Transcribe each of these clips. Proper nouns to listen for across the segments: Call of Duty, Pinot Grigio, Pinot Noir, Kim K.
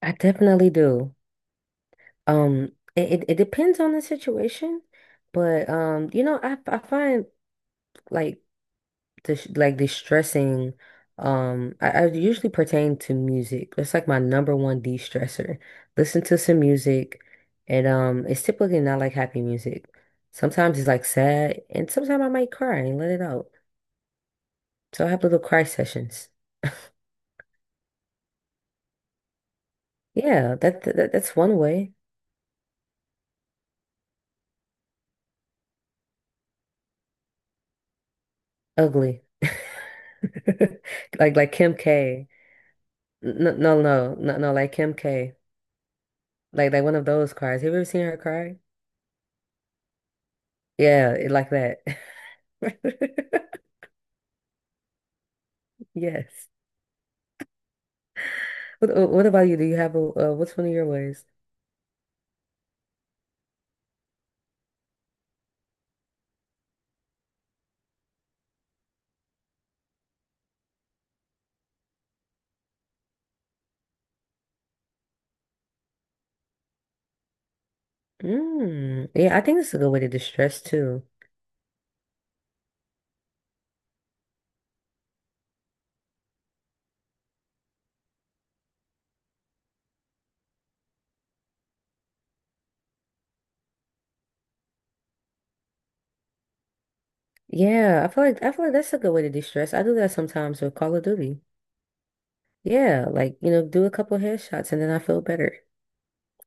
I definitely do. It depends on the situation, but I find like this like distressing. I usually pertain to music. That's like my number one de-stressor. Listen to some music, and it's typically not like happy music. Sometimes it's like sad, and sometimes I might cry and let it out. So I have little cry sessions. Yeah, that's one way. Ugly, like Kim K. No, no, no, no, no, like Kim K. Like one of those cries. Have you ever seen her cry? Yeah, it, like that. Yes. What about you? Do you have a what's one of your ways? Mm. Yeah, I think that's a good way to distress too. Yeah, I feel like that's a good way to distress. I do that sometimes with Call of Duty. Yeah, like you know, do a couple headshots and then I feel better.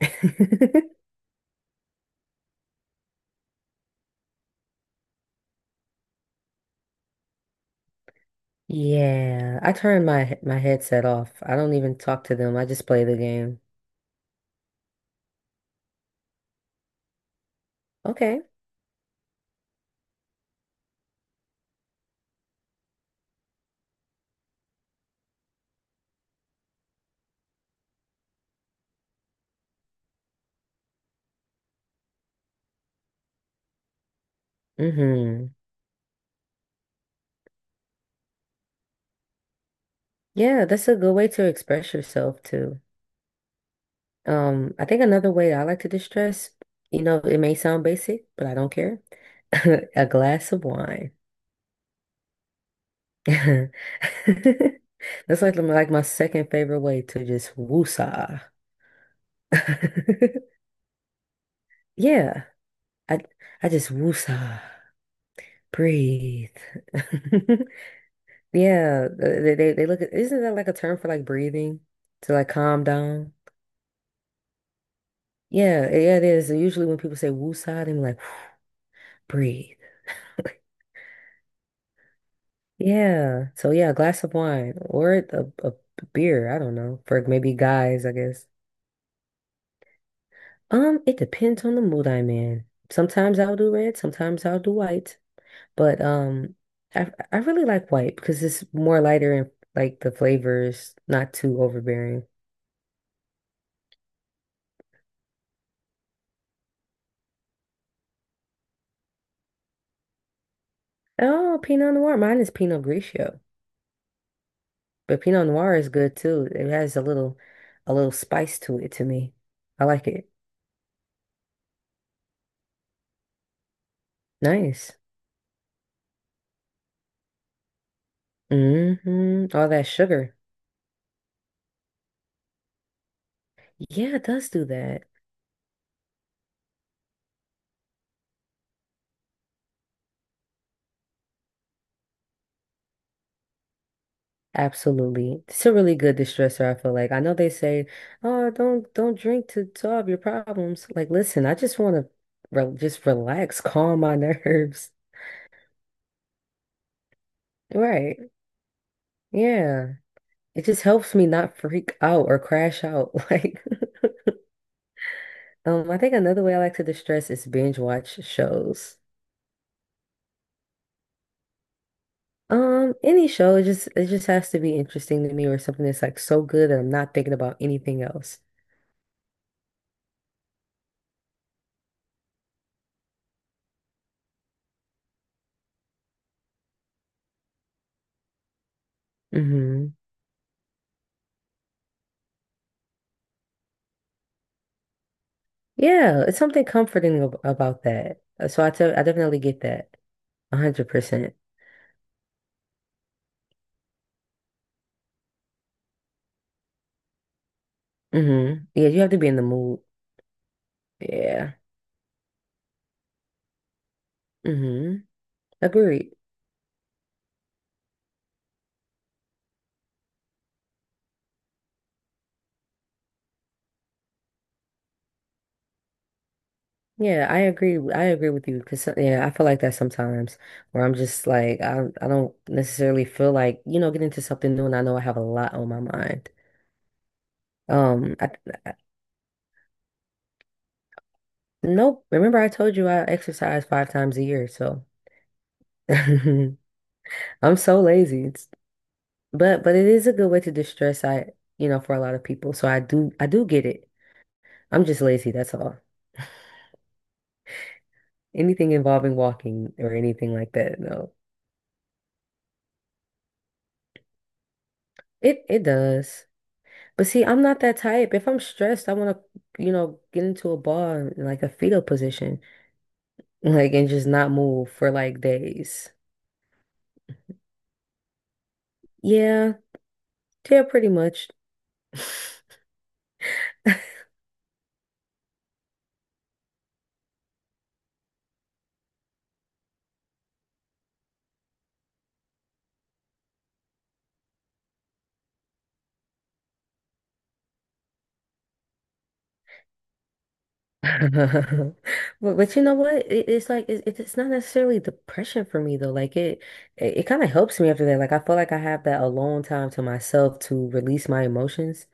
Yeah, I turn my headset off. I don't even talk to them. I just play the game. Okay. Mm-hmm. Yeah, that's a good way to express yourself too. I think another way I like to distress, you know, it may sound basic, but I don't care. A glass of wine. That's like my second favorite way to just woosah. Yeah, I I just woosah, breathe. Yeah, they look at isn't that like a term for like breathing to like calm down? Yeah, yeah, it is. Usually when people say woosah, they're like breathe. Yeah. So yeah, a glass of wine or a beer. I don't know. For maybe guys, I guess. It depends on the mood I'm in. Sometimes I'll do red, sometimes I'll do white. But I really like white because it's more lighter and like the flavors not too overbearing. Oh, Pinot Noir. Mine is Pinot Grigio. But Pinot Noir is good too. It has a little spice to it to me. I like it. Nice. Mm-hmm. All that sugar. Yeah, it does do that. Absolutely. It's a really good distressor, I feel like. I know they say, "Oh, don't drink to solve your problems." Like, listen, I just want to re just relax, calm my nerves. Right. Yeah. It just helps me not freak out or crash out. Like, I think another way I like to distress is binge watch shows. Any show, it just has to be interesting to me or something that's like so good that I'm not thinking about anything else. Hmm. Yeah, it's something comforting about that. So I definitely get that. 100%. Mm-hmm. Yeah, you have to be in the mood. Yeah. Mm-hmm. Agreed. Yeah, I agree. I agree with you because yeah, I feel like that sometimes where I'm just like I don't necessarily feel like, you know, get into something new and I know I have a lot on my mind. Um, I, nope. Remember I told you I exercise 5 times a year, so I'm so lazy. But it is a good way to distress, I you know, for a lot of people. So I do get it. I'm just lazy, that's all. Anything involving walking or anything like that, no. It does. But see, I'm not that type. If I'm stressed, I want to, you know, get into a ball in like a fetal position, like and just not move for like days. Yeah, yeah, pretty much. But you know what? It, it's like it, it's not necessarily depression for me though. Like it kind of helps me after that. Like I feel like I have that alone time to myself to release my emotions.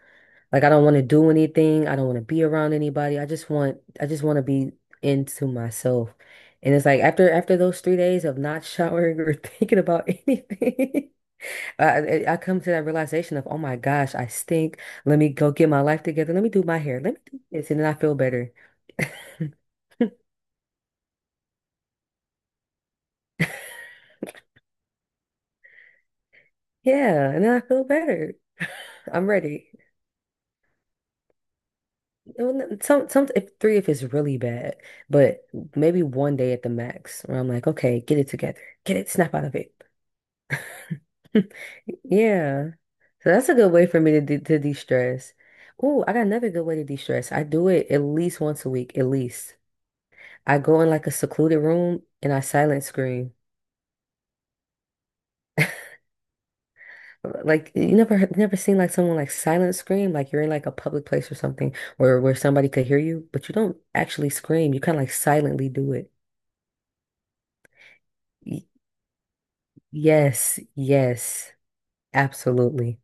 Like I don't want to do anything. I don't want to be around anybody. I just want to be into myself. And it's like after those three days of not showering or thinking about anything, I, I come to that realization of, oh my gosh, I stink. Let me go get my life together. Let me do my hair. Let me do this, and then I feel better. Yeah, and then I feel better. I'm ready. Well, if three if it's really bad, but maybe one day at the max where I'm like, okay, get it together, get it, snap out of it. Yeah, so that's a good way for me to de to de-stress. Oh, I got another good way to de-stress. I do it at least once a week, at least. I go in like a secluded room and I silent scream. Like you never seen like someone like silent scream, like you're in like a public place or something where somebody could hear you but you don't actually scream, you kind of like silently do it. Y- yes, yes, absolutely.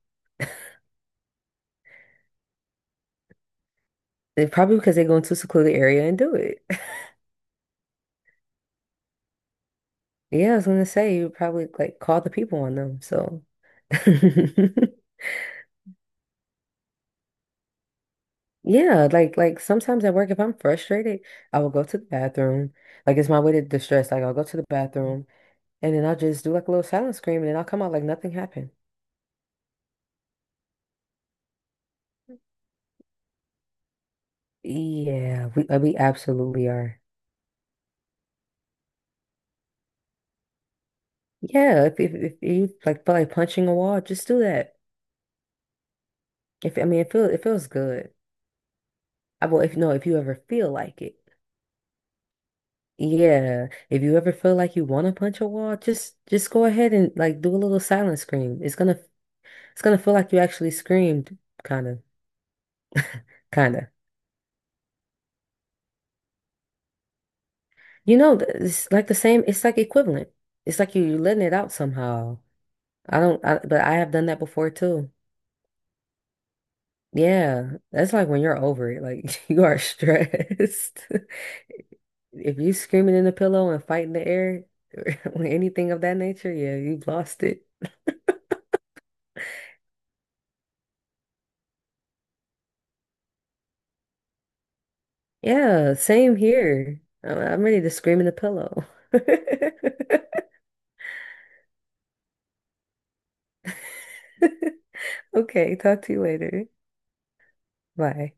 And probably because they go into a secluded area and do it. Yeah, I was gonna say you probably like call the people on them, so. Yeah, like sometimes at work if I'm frustrated, I will go to the bathroom, like it's my way to distress. Like I'll go to the bathroom and then I'll just do like a little silent scream and then I'll come out like nothing happened. Yeah, we absolutely are. Yeah, if you like feel like punching a wall, just do that. If I mean, it feel it feels good. I will if, no, if you ever feel like it. Yeah, if you ever feel like you want to punch a wall, just go ahead and like do a little silent scream. It's gonna feel like you actually screamed, kind of, kind of. You know, it's like the same. It's like equivalent. It's like you, you're letting it out somehow. I don't, I, but I have done that before too. Yeah, that's like when you're over it. Like you are stressed. If you screaming in the pillow and fighting the air, or anything of that nature, yeah, you've lost it. Yeah, same here. I'm ready to scream in the pillow. Okay, talk to you later. Bye.